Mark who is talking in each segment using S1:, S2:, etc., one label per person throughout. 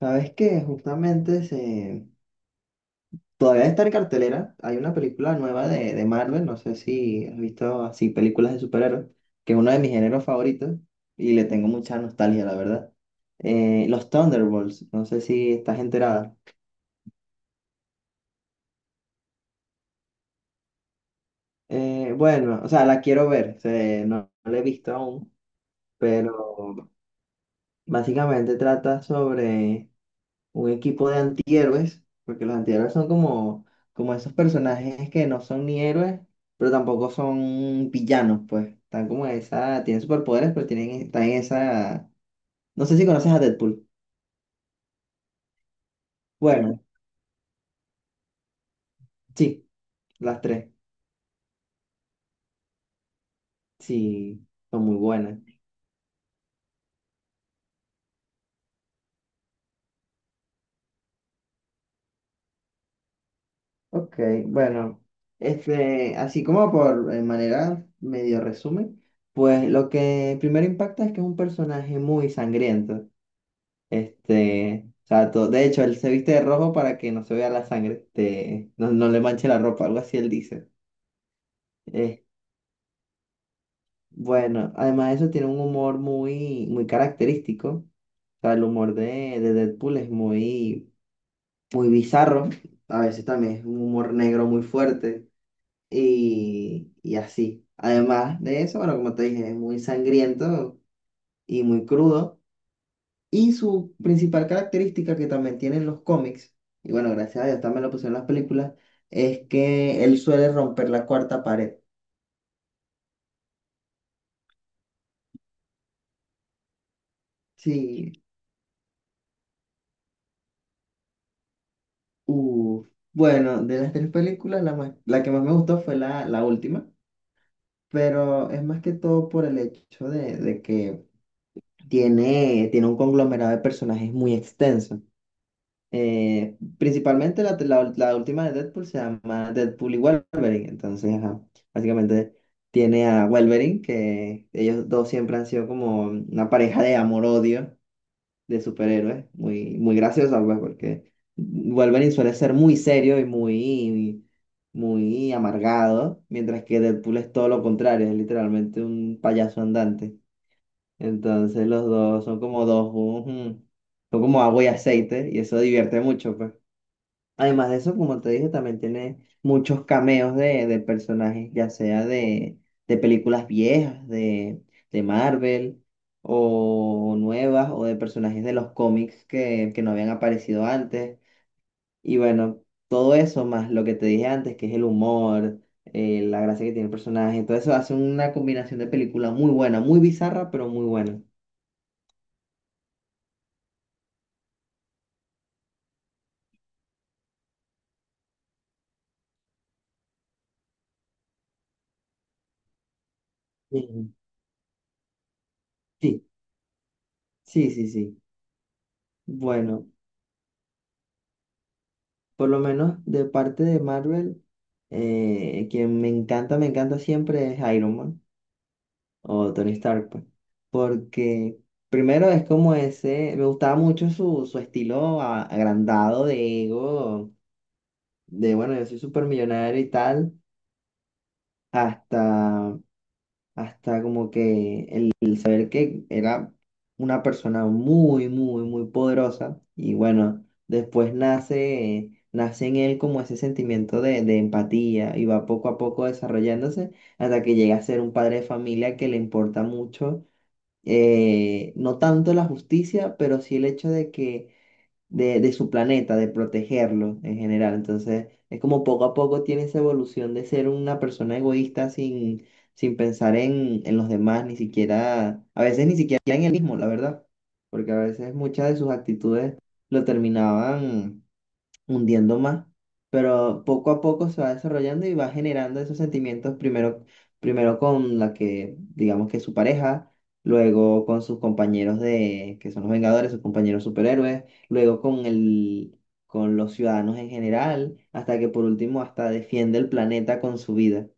S1: Sabes que justamente se... todavía está en cartelera. Hay una película nueva de Marvel. No sé si has visto así películas de superhéroes, que es uno de mis géneros favoritos y le tengo mucha nostalgia, la verdad. Los Thunderbolts. No sé si estás enterada. Bueno, o sea, la quiero ver. No, no la he visto aún, pero básicamente trata sobre un equipo de antihéroes, porque los antihéroes son como, como esos personajes que no son ni héroes, pero tampoco son villanos, pues. Están como en esa, tienen superpoderes, pero tienen, están en esa. No sé si conoces a Deadpool. Bueno, sí, las tres. Sí, son muy buenas. Ok, bueno, así como por manera medio resumen, pues lo que primero impacta es que es un personaje muy sangriento. O sea, de hecho, él se viste de rojo para que no se vea la sangre, no, no le manche la ropa, algo así él dice. Eh, bueno, además de eso tiene un humor muy, muy característico. O sea, el humor de Deadpool es muy, muy bizarro. A veces también es un humor negro muy fuerte y así. Además de eso, bueno, como te dije, es muy sangriento y muy crudo. Y su principal característica que también tienen los cómics, y bueno, gracias a Dios también lo pusieron en las películas, es que él suele romper la cuarta pared. Sí, uf. Bueno, de las tres películas, la que más me gustó fue la última, pero es más que todo por el hecho de que tiene un conglomerado de personajes muy extenso. Principalmente la última de Deadpool se llama Deadpool y Wolverine. Entonces, ajá, básicamente tiene a Wolverine, que ellos dos siempre han sido como una pareja de amor-odio de superhéroes. Muy, muy graciosa, pues, porque Wolverine suele ser muy serio y muy, muy amargado, mientras que Deadpool es todo lo contrario, es literalmente un payaso andante. Entonces, los dos son como dos, ujú, son como agua y aceite, y eso divierte mucho, pues. Además de eso, como te dije, también tiene muchos cameos de personajes, ya sea de películas viejas, de Marvel, o nuevas, o de personajes de los cómics que no habían aparecido antes. Y bueno, todo eso, más lo que te dije antes, que es el humor, la gracia que tiene el personaje, todo eso hace una combinación de película muy buena, muy bizarra, pero muy buena. Sí, sí, sí, sí, sí. Bueno, por lo menos de parte de Marvel. Quien me encanta siempre es Iron Man o Tony Stark, pues. Porque primero es como ese, me gustaba mucho su estilo agrandado de ego, de bueno, yo soy súper millonario y tal, hasta hasta como que el saber que era una persona muy, muy, muy poderosa y bueno, después nace en él como ese sentimiento de empatía y va poco a poco desarrollándose hasta que llega a ser un padre de familia que le importa mucho, no tanto la justicia, pero sí el hecho de su planeta, de protegerlo en general. Entonces, es como poco a poco tiene esa evolución de ser una persona egoísta sin, sin pensar en los demás, ni siquiera, a veces ni siquiera en él mismo, la verdad, porque a veces muchas de sus actitudes lo terminaban hundiendo más, pero poco a poco se va desarrollando y va generando esos sentimientos primero, primero con la que, digamos que es su pareja, luego con sus compañeros de, que son los Vengadores, sus compañeros superhéroes, luego con con los ciudadanos en general, hasta que por último hasta defiende el planeta con su vida.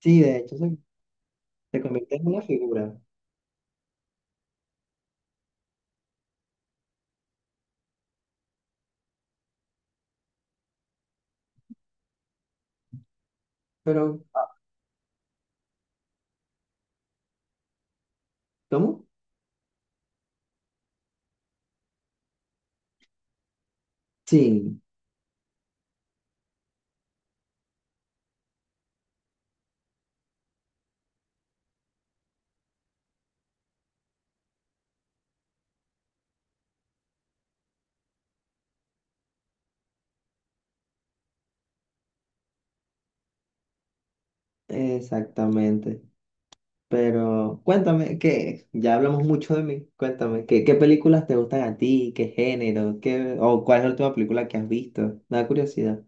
S1: Sí, se convierte en una figura, pero ¿cómo? Sí, exactamente. Pero cuéntame, que ya hablamos mucho de mí, cuéntame, ¿qué películas te gustan a ti? ¿Qué género? ¿Qué, o cuál es la última película que has visto? Me da curiosidad.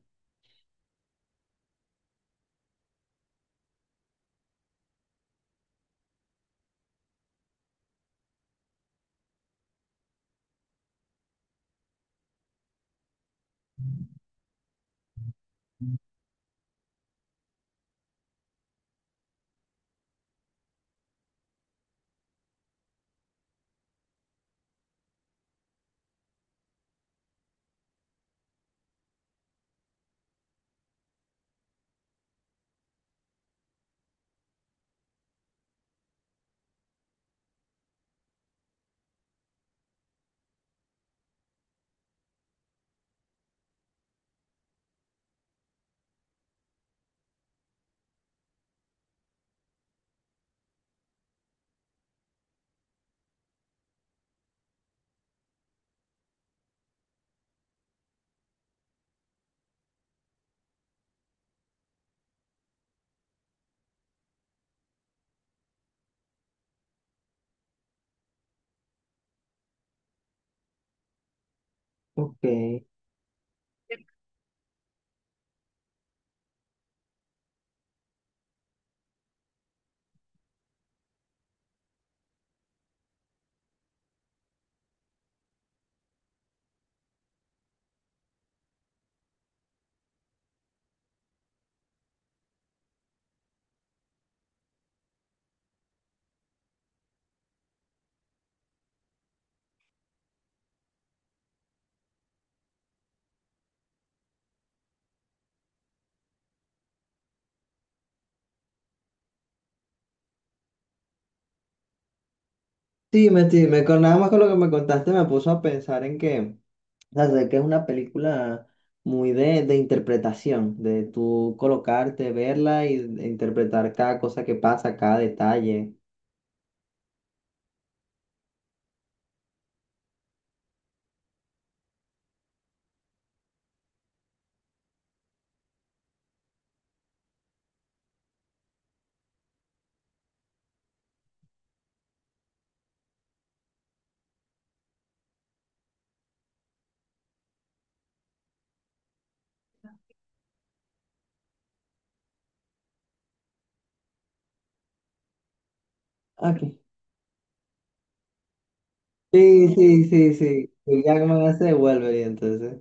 S1: Ok, sí, dime, con nada más con lo que me contaste me puso a pensar en que, o sea, sé que es una película muy de interpretación, de tú colocarte, verla y de interpretar cada cosa que pasa, cada detalle. Ok. Sí, sí, sí, sí. Y ya como se devuelve entonces.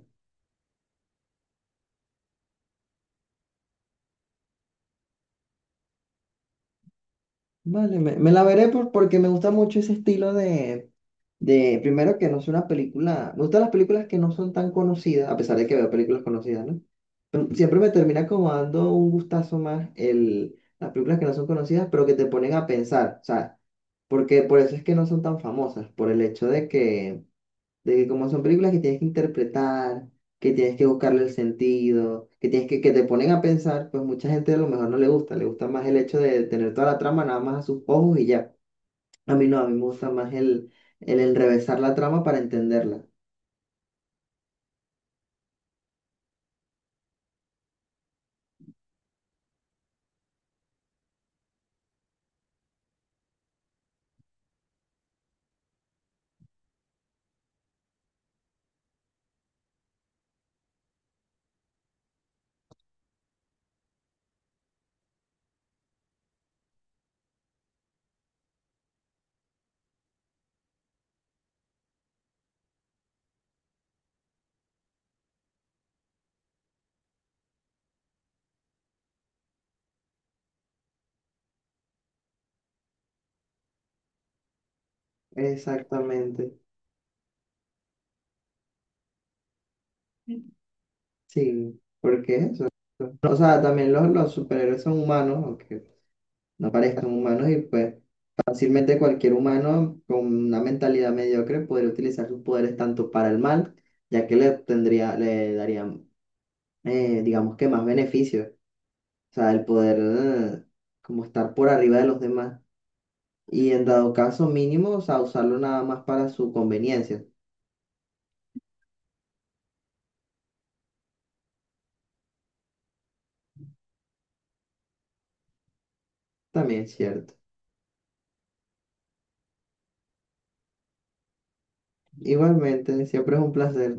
S1: Vale, me la veré porque me gusta mucho ese estilo de, primero que no es una película, me gustan las películas que no son tan conocidas, a pesar de que veo películas conocidas, ¿no? Pero siempre me termina como dando un gustazo más el, las películas que no son conocidas, pero que te ponen a pensar, o sea, porque por eso es que no son tan famosas, por el hecho de que como son películas que tienes que interpretar, que tienes que buscarle el sentido, que tienes que te ponen a pensar, pues mucha gente a lo mejor no le gusta, le gusta más el hecho de tener toda la trama nada más a sus ojos y ya. A mí no, a mí me gusta más el enrevesar la trama para entenderla. Exactamente, sí, porque es eso. O sea, también los superhéroes son humanos, aunque no parezcan humanos, y pues fácilmente cualquier humano con una mentalidad mediocre podría utilizar sus poderes tanto para el mal, ya que le tendría, le darían, digamos que más beneficios, o sea, el poder como estar por arriba de los demás y en dado caso mínimo, o sea, usarlo nada más para su conveniencia, también es cierto. Igualmente, siempre es un placer.